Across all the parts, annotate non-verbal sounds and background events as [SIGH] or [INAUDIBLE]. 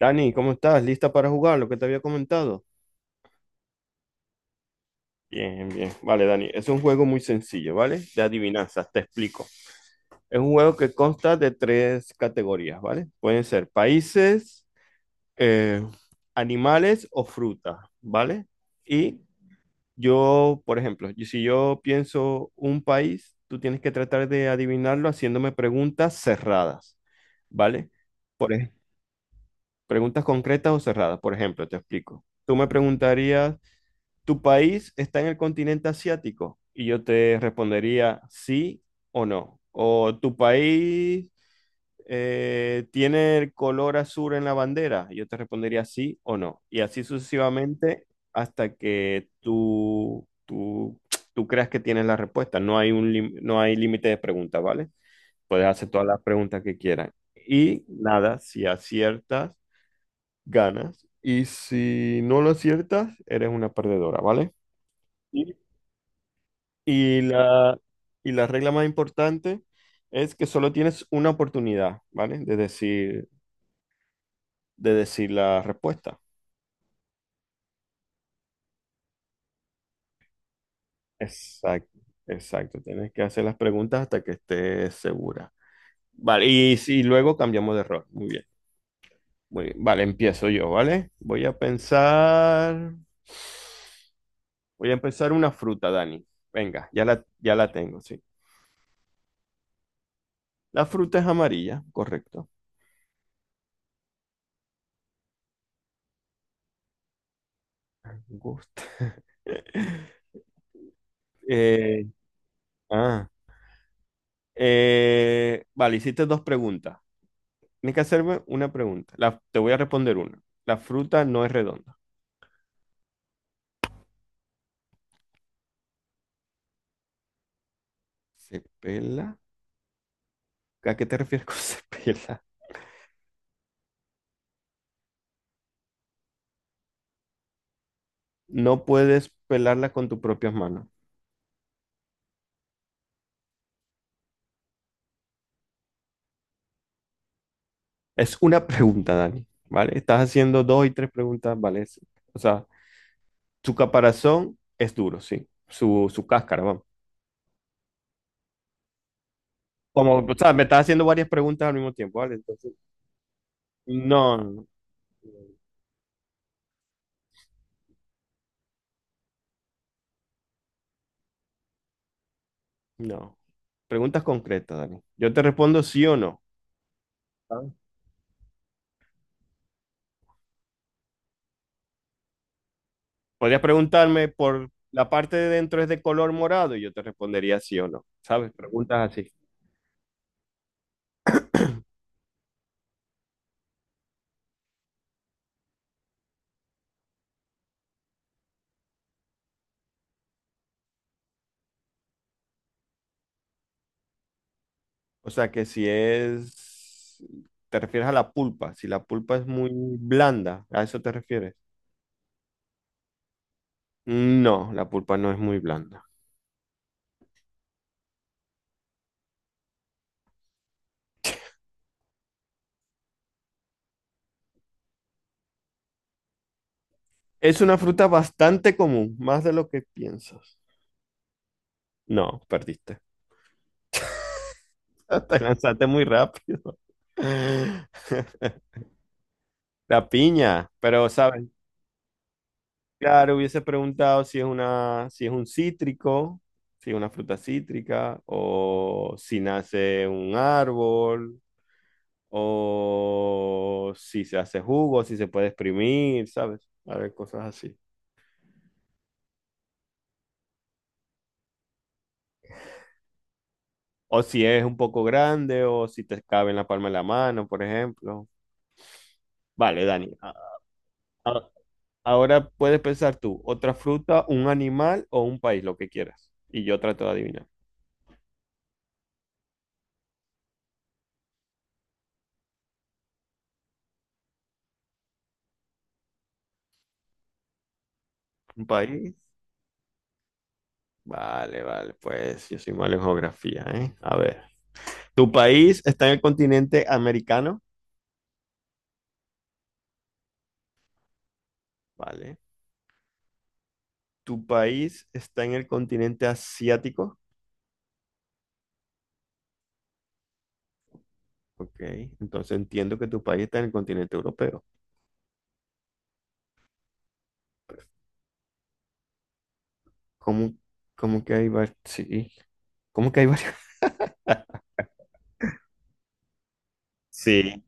Dani, ¿cómo estás? ¿Lista para jugar lo que te había comentado? Bien, bien. Vale, Dani, es un juego muy sencillo, ¿vale? De adivinanzas, te explico. Es un juego que consta de tres categorías, ¿vale? Pueden ser países, eh, animales o frutas, ¿vale? Y yo, por ejemplo, y si yo pienso un país, tú tienes que tratar de adivinarlo haciéndome preguntas cerradas, ¿vale? Por ej- Preguntas concretas o cerradas. Por ejemplo, te explico. Tú me preguntarías: ¿Tu país está en el continente asiático? Y yo te respondería sí o no. ¿O tu país tiene el color azul en la bandera? Y yo te respondería sí o no. Y así sucesivamente hasta que tú creas que tienes la respuesta. No hay un, no hay límite de preguntas, ¿vale? Puedes hacer todas las preguntas que quieras. Y nada, si aciertas, ganas. Y si no lo aciertas, eres una perdedora, ¿vale? Y la, y la regla más importante es que solo tienes una oportunidad, ¿vale? De decir la respuesta. Exacto, exacto. Tienes que hacer las preguntas hasta que estés segura. Vale, y, si luego cambiamos de rol. Muy bien, muy bien. Vale, empiezo yo, ¿vale? Voy a pensar, voy a empezar una fruta, Dani. Venga, ya la tengo, sí. La fruta es amarilla, correcto. Gusta. [LAUGHS] Eh, ah, vale, hiciste dos preguntas. Tienes que hacerme una pregunta. Te voy a responder una. La fruta no es redonda. ¿Se pela? ¿A qué te refieres [LAUGHS] con se pela? No puedes pelarla con tus propias manos. Es una pregunta, Dani, ¿vale? Estás haciendo dos y tres preguntas, ¿vale? Sí. O sea, su caparazón es duro, sí. Su cáscara, vamos. Como, o sea, me estás haciendo varias preguntas al mismo tiempo, ¿vale? Entonces, no, no, no. Preguntas concretas, Dani. Yo te respondo sí o no. ¿Ah? Podrías preguntarme por la parte de dentro es de color morado y yo te respondería sí o no, ¿sabes? Preguntas así. O sea que si es, te refieres a la pulpa, si la pulpa es muy blanda, ¿a eso te refieres? No, la pulpa no es muy blanda. Es una fruta bastante común, más de lo que piensas. No, perdiste. [LAUGHS] Te lanzaste muy rápido. [LAUGHS] La piña, pero sabes, claro, hubiese preguntado si es una, si es un cítrico, si es una fruta cítrica, o si nace un árbol, o si se hace jugo, si se puede exprimir, ¿sabes? A ver, cosas así. O si es un poco grande, o si te cabe en la palma de la mano, por ejemplo. Vale, Dani. A- Ahora puedes pensar tú, otra fruta, un animal o un país, lo que quieras. Y yo trato de adivinar. ¿Un país? Vale, vale, pues yo soy malo en geografía, ¿eh? A ver. ¿Tu país está en el continente americano? Vale. ¿Tu país está en el continente asiático? Ok, entonces entiendo que tu país está en el continente europeo. ¿Cómo, ¿cómo que hay varios? Sí, ¿cómo que hay varios? [LAUGHS] Sí,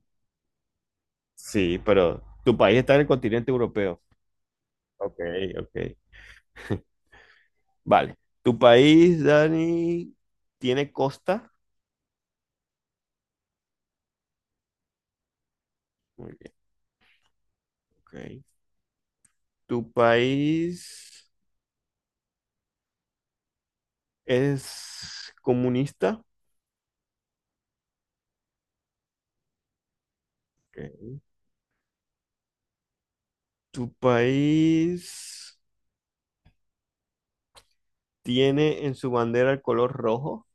sí, pero tu país está en el continente europeo. Ok, ok. Vale. ¿Tu país, Dani, tiene costa? Muy bien, ok. ¿Tu país es comunista? Ok. Tu país tiene en su bandera el color rojo.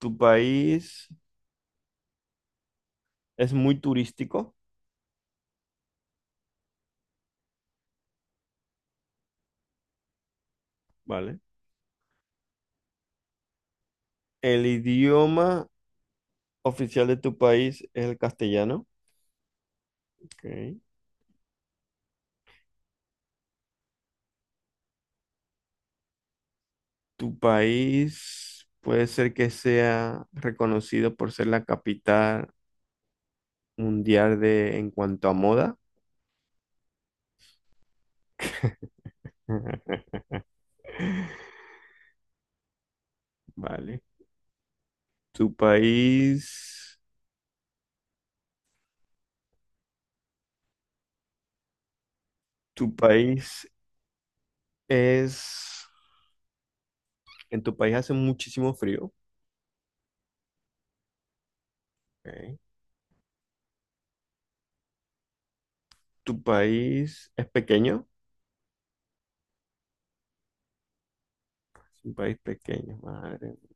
Tu país es muy turístico, ¿vale? El idioma oficial de tu país es el castellano. Ok. Tu país puede ser que sea reconocido por ser la capital mundial de en cuanto a moda. [LAUGHS] Vale. Tu país, tu país es En tu país hace muchísimo frío. Ok. Tu país es pequeño. Es un país pequeño, madre mía.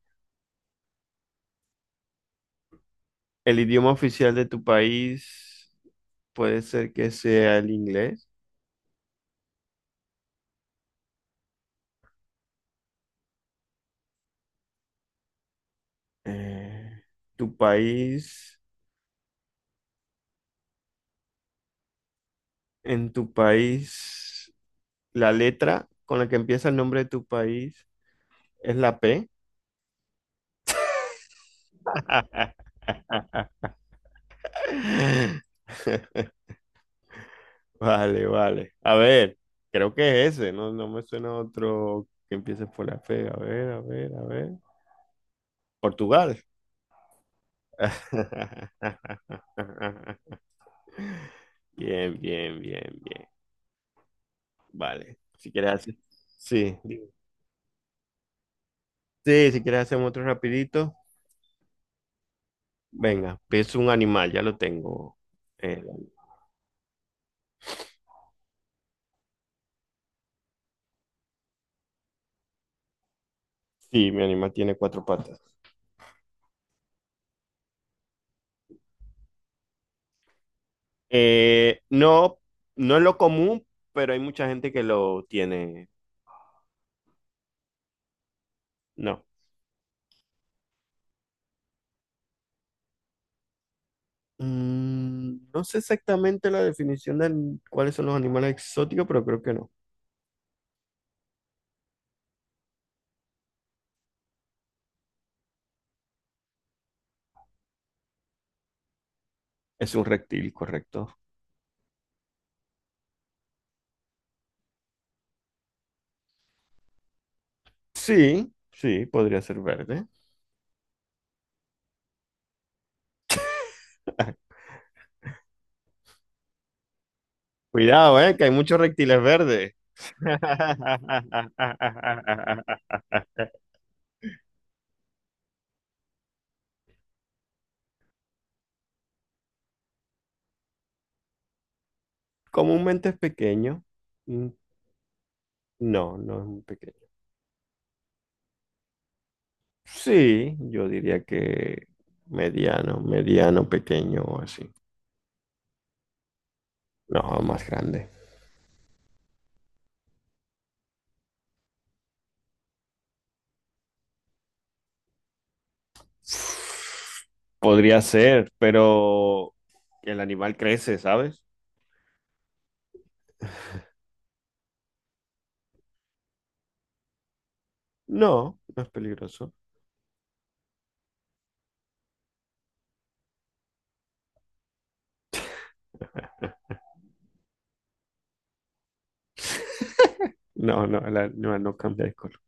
El idioma oficial de tu país puede ser que sea el inglés. Eh, tu país, en tu país, la letra con la que empieza el nombre de tu país es la P. [LAUGHS] Vale, vale. A ver, creo que es ese. No, no me suena otro que empiece por la P. A ver, a ver, a ver. Portugal. [LAUGHS] Bien, bien, bien, bien. Vale. Si quieres hacer. Sí. Sí, si quieres hacemos otro rapidito. Venga, es un animal, ya lo tengo. Eh, sí, mi animal tiene cuatro patas. No, no es lo común, pero hay mucha gente que lo tiene. No. Mm, no sé exactamente la definición de cuáles son los animales exóticos, pero creo que no. Es un reptil, correcto. Sí, sí, podría ser verde. Cuidado, que hay muchos reptiles verdes. [LAUGHS] Comúnmente es pequeño. Mm, No, no es muy pequeño. Sí, yo diría que mediano, pequeño o así. No, más grande. Podría ser, pero el animal crece, ¿sabes? No, no es peligroso. [LAUGHS] No, no, el animal no cambia de color.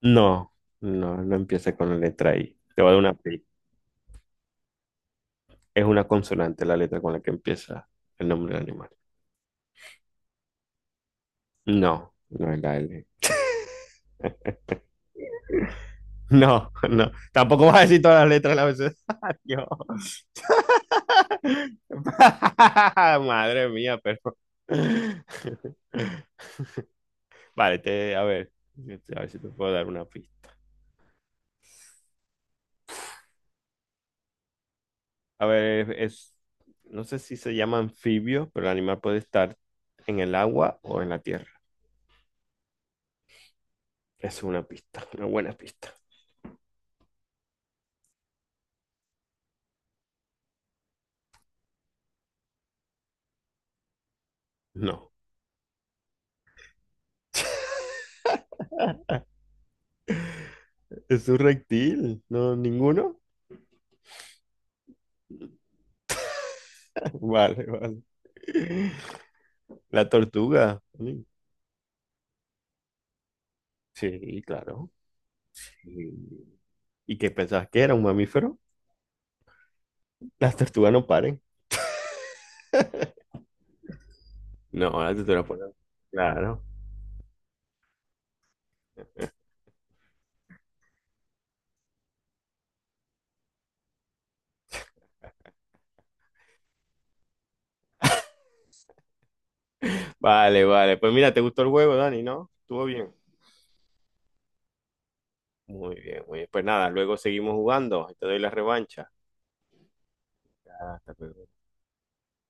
No, no, no empieza con la letra I. Te voy a dar una pista. Es una consonante la letra con la que empieza el nombre del animal. No, no es la L. [LAUGHS] No, no. Tampoco vas a decir todas las letras del abecedario. [LAUGHS] Madre mía, pero. [LAUGHS] Vale, te, a ver. A ver si te puedo dar una pista. A ver, es. No sé si se llama anfibio, pero el animal puede estar en el agua o en la tierra. Es una pista, una buena pista. No. [LAUGHS] Es un reptil, ¿no? ¿Ninguno? [LAUGHS] Vale, vale. La tortuga. Sí, claro. Sí. ¿Y qué pensabas que era un mamífero? Las tortugas no paren. [LAUGHS] No, las tortugas ponen. Claro. Vale, vale. Pues mira, ¿te gustó el juego, Dani, no? ¿Estuvo bien? Muy bien, muy bien. Pues nada, luego seguimos jugando. Te doy la revancha. Hasta luego.